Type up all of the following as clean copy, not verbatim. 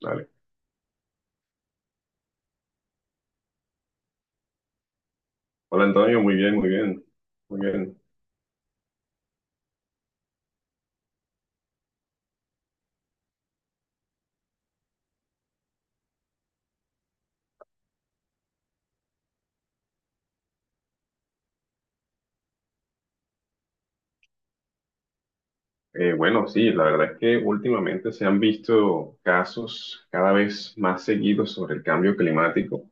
Dale. Hola Antonio, muy bien, muy bien, muy bien. Bueno, sí, la verdad es que últimamente se han visto casos cada vez más seguidos sobre el cambio climático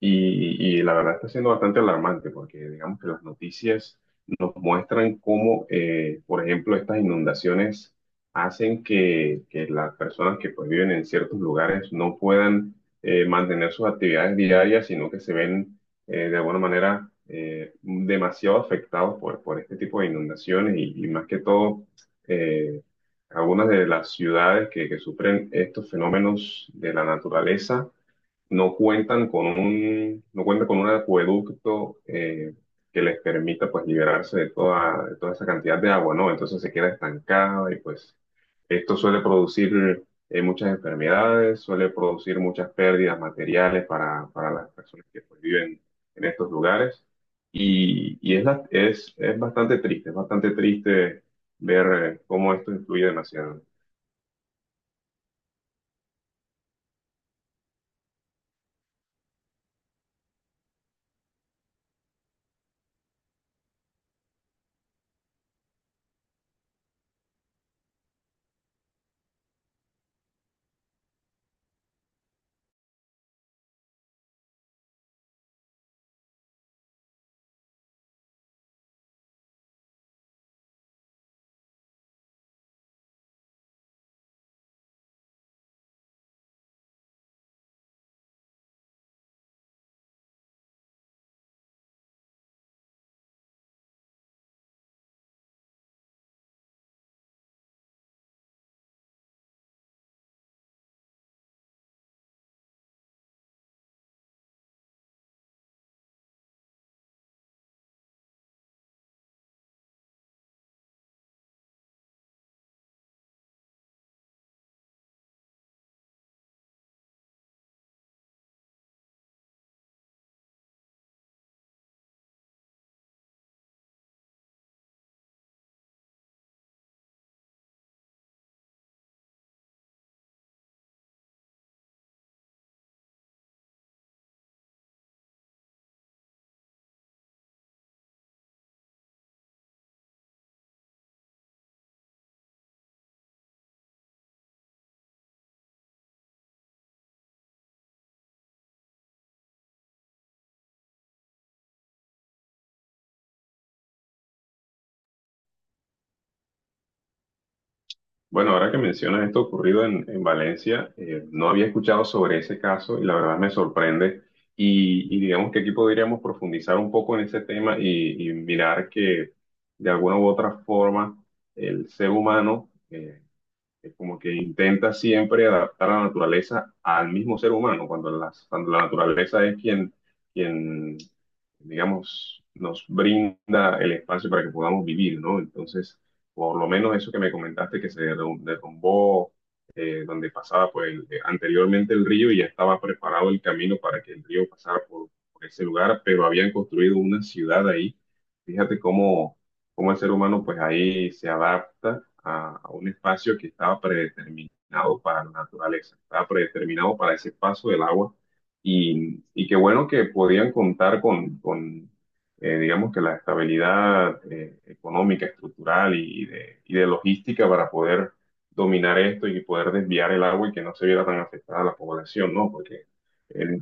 y la verdad está siendo bastante alarmante porque digamos que las noticias nos muestran cómo, por ejemplo, estas inundaciones hacen que las personas que pues, viven en ciertos lugares no puedan mantener sus actividades diarias, sino que se ven de alguna manera demasiado afectados por este tipo de inundaciones y más que todo eh, algunas de las ciudades que sufren estos fenómenos de la naturaleza no cuentan con un acueducto que les permita pues liberarse de toda esa cantidad de agua, ¿no? Entonces se queda estancada y pues esto suele producir muchas enfermedades, suele producir muchas pérdidas materiales para las personas que pues, viven en estos lugares. Es bastante triste, es bastante triste ver cómo esto influye demasiado. Bueno, ahora que mencionas esto ocurrido en Valencia, no había escuchado sobre ese caso y la verdad me sorprende. Y digamos que aquí podríamos profundizar un poco en ese tema y mirar que de alguna u otra forma el ser humano, es como que intenta siempre adaptar a la naturaleza al mismo ser humano, cuando la naturaleza es quien, digamos, nos brinda el espacio para que podamos vivir, ¿no? Entonces, por lo menos eso que me comentaste que se derrumbó, donde pasaba pues, anteriormente el río y ya estaba preparado el camino para que el río pasara por ese lugar, pero habían construido una ciudad ahí. Fíjate cómo el ser humano pues ahí se adapta a un espacio que estaba predeterminado para la naturaleza, estaba predeterminado para ese paso del agua y qué bueno que podían contar con, digamos que la estabilidad económica, estructural y de logística para poder dominar esto y poder desviar el agua y que no se viera tan afectada a la población, ¿no? Porque eh,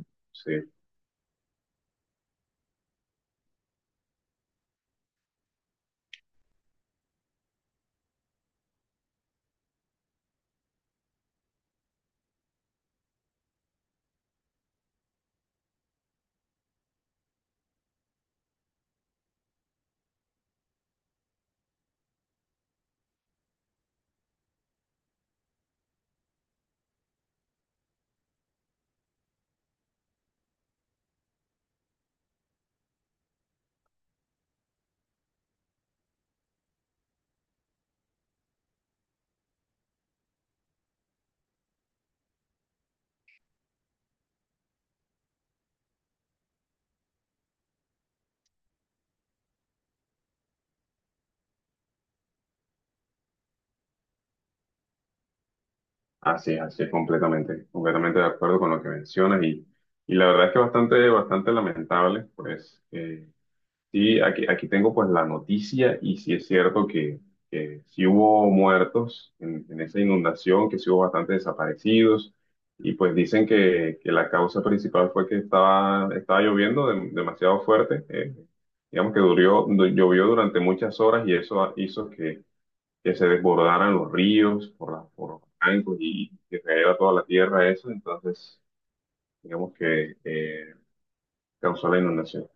así es, así es, completamente, completamente de acuerdo con lo que mencionas y la verdad es que bastante, bastante lamentable, pues sí, aquí, aquí tengo pues la noticia y sí es cierto que sí hubo muertos en esa inundación, que sí hubo bastantes desaparecidos y pues dicen que la causa principal fue que estaba, estaba lloviendo demasiado fuerte, digamos que llovió durante muchas horas y eso hizo que se desbordaran los ríos por los bancos y que cayera toda la tierra, eso, entonces digamos que causó la inundación.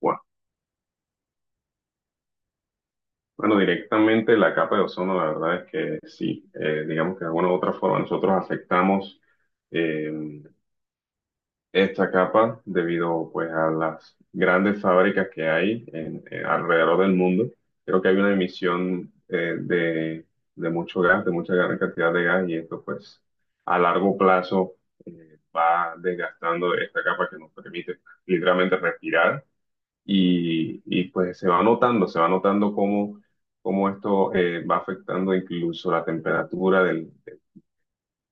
Bueno, bueno, directamente la capa de ozono, la verdad es que sí, digamos que de alguna u otra forma nosotros afectamos. eh, Esta capa debido pues a las grandes fábricas que hay en alrededor del mundo. Creo que hay una emisión de mucho gas, de mucha gran cantidad de gas y esto pues a largo plazo va desgastando esta capa que nos permite literalmente respirar pues se va notando cómo esto va afectando incluso la temperatura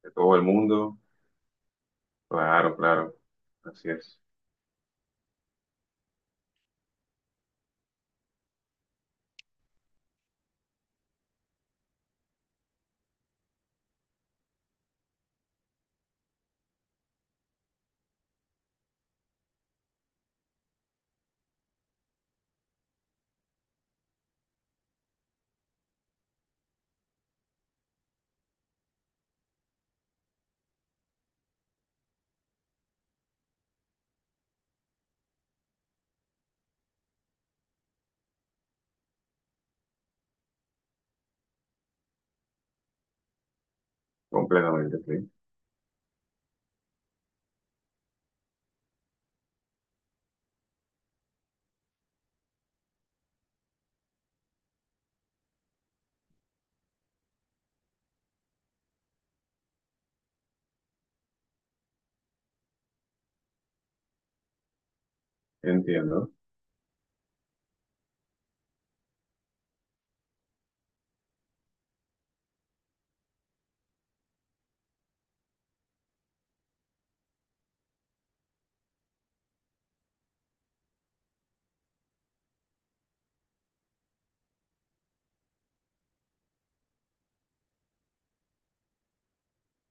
de todo el mundo. Claro, claro, así es, completamente. Sí. Entiendo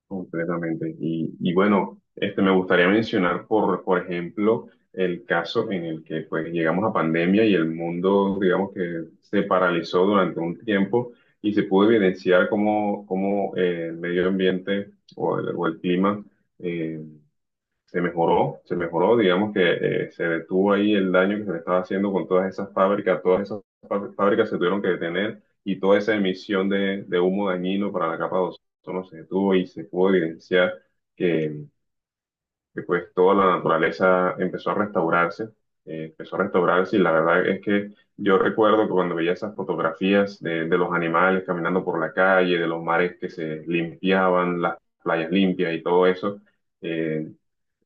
completamente. Y bueno, este, me gustaría mencionar, por ejemplo, el caso en el que pues llegamos a pandemia y el mundo, digamos que se paralizó durante un tiempo y se pudo evidenciar cómo el medio ambiente o el clima eh, se mejoró, digamos que se detuvo ahí el daño que se le estaba haciendo con todas esas fábricas, fábricas se tuvieron que detener y toda esa emisión de humo dañino para la capa de ozono se detuvo y se pudo evidenciar que, que, pues toda la naturaleza empezó a restaurarse, empezó a restaurarse y la verdad es que yo recuerdo que cuando veía esas fotografías de los animales caminando por la calle, de los mares que se limpiaban, las playas limpias y todo eso, eh,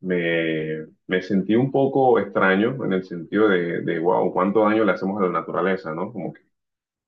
me sentí un poco extraño en el sentido de, wow, cuánto daño le hacemos a la naturaleza, ¿no? Como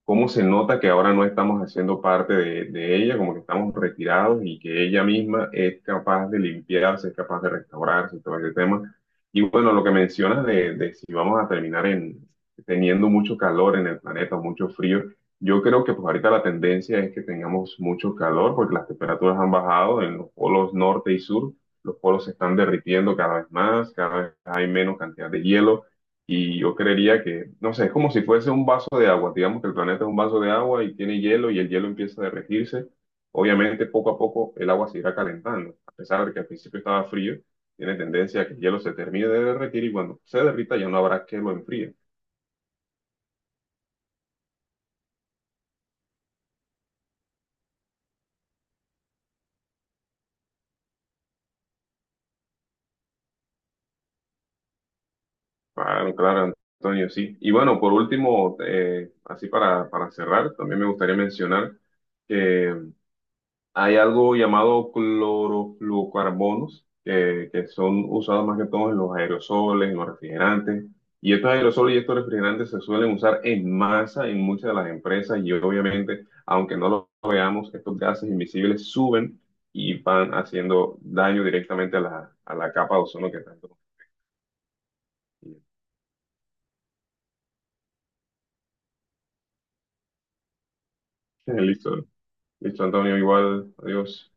cómo se nota que ahora no estamos haciendo parte de ella, como que estamos retirados y que ella misma es capaz de limpiarse, es capaz de restaurarse, todo ese tema. Y bueno, lo que mencionas de si vamos a terminar en, teniendo mucho calor en el planeta, mucho frío, yo creo que pues ahorita la tendencia es que tengamos mucho calor porque las temperaturas han bajado en los polos norte y sur, los polos se están derritiendo cada vez más, cada vez hay menos cantidad de hielo. Y yo creería que, no sé, es como si fuese un vaso de agua. Digamos que el planeta es un vaso de agua y tiene hielo y el hielo empieza a derretirse. Obviamente, poco a poco el agua se irá calentando. A pesar de que al principio estaba frío, tiene tendencia a que el hielo se termine de derretir y cuando se derrita ya no habrá que lo enfríe. Claro, claro, Antonio, sí. Y bueno, por último, así para cerrar, también me gustaría mencionar que hay algo llamado clorofluorocarbonos que son usados más que todo en los aerosoles, en los refrigerantes. Y estos aerosoles y estos refrigerantes se suelen usar en masa en muchas de las empresas y obviamente, aunque no lo veamos, estos gases invisibles suben y van haciendo daño directamente a a la capa de ozono que tanto. Listo, listo, Antonio, igual, adiós.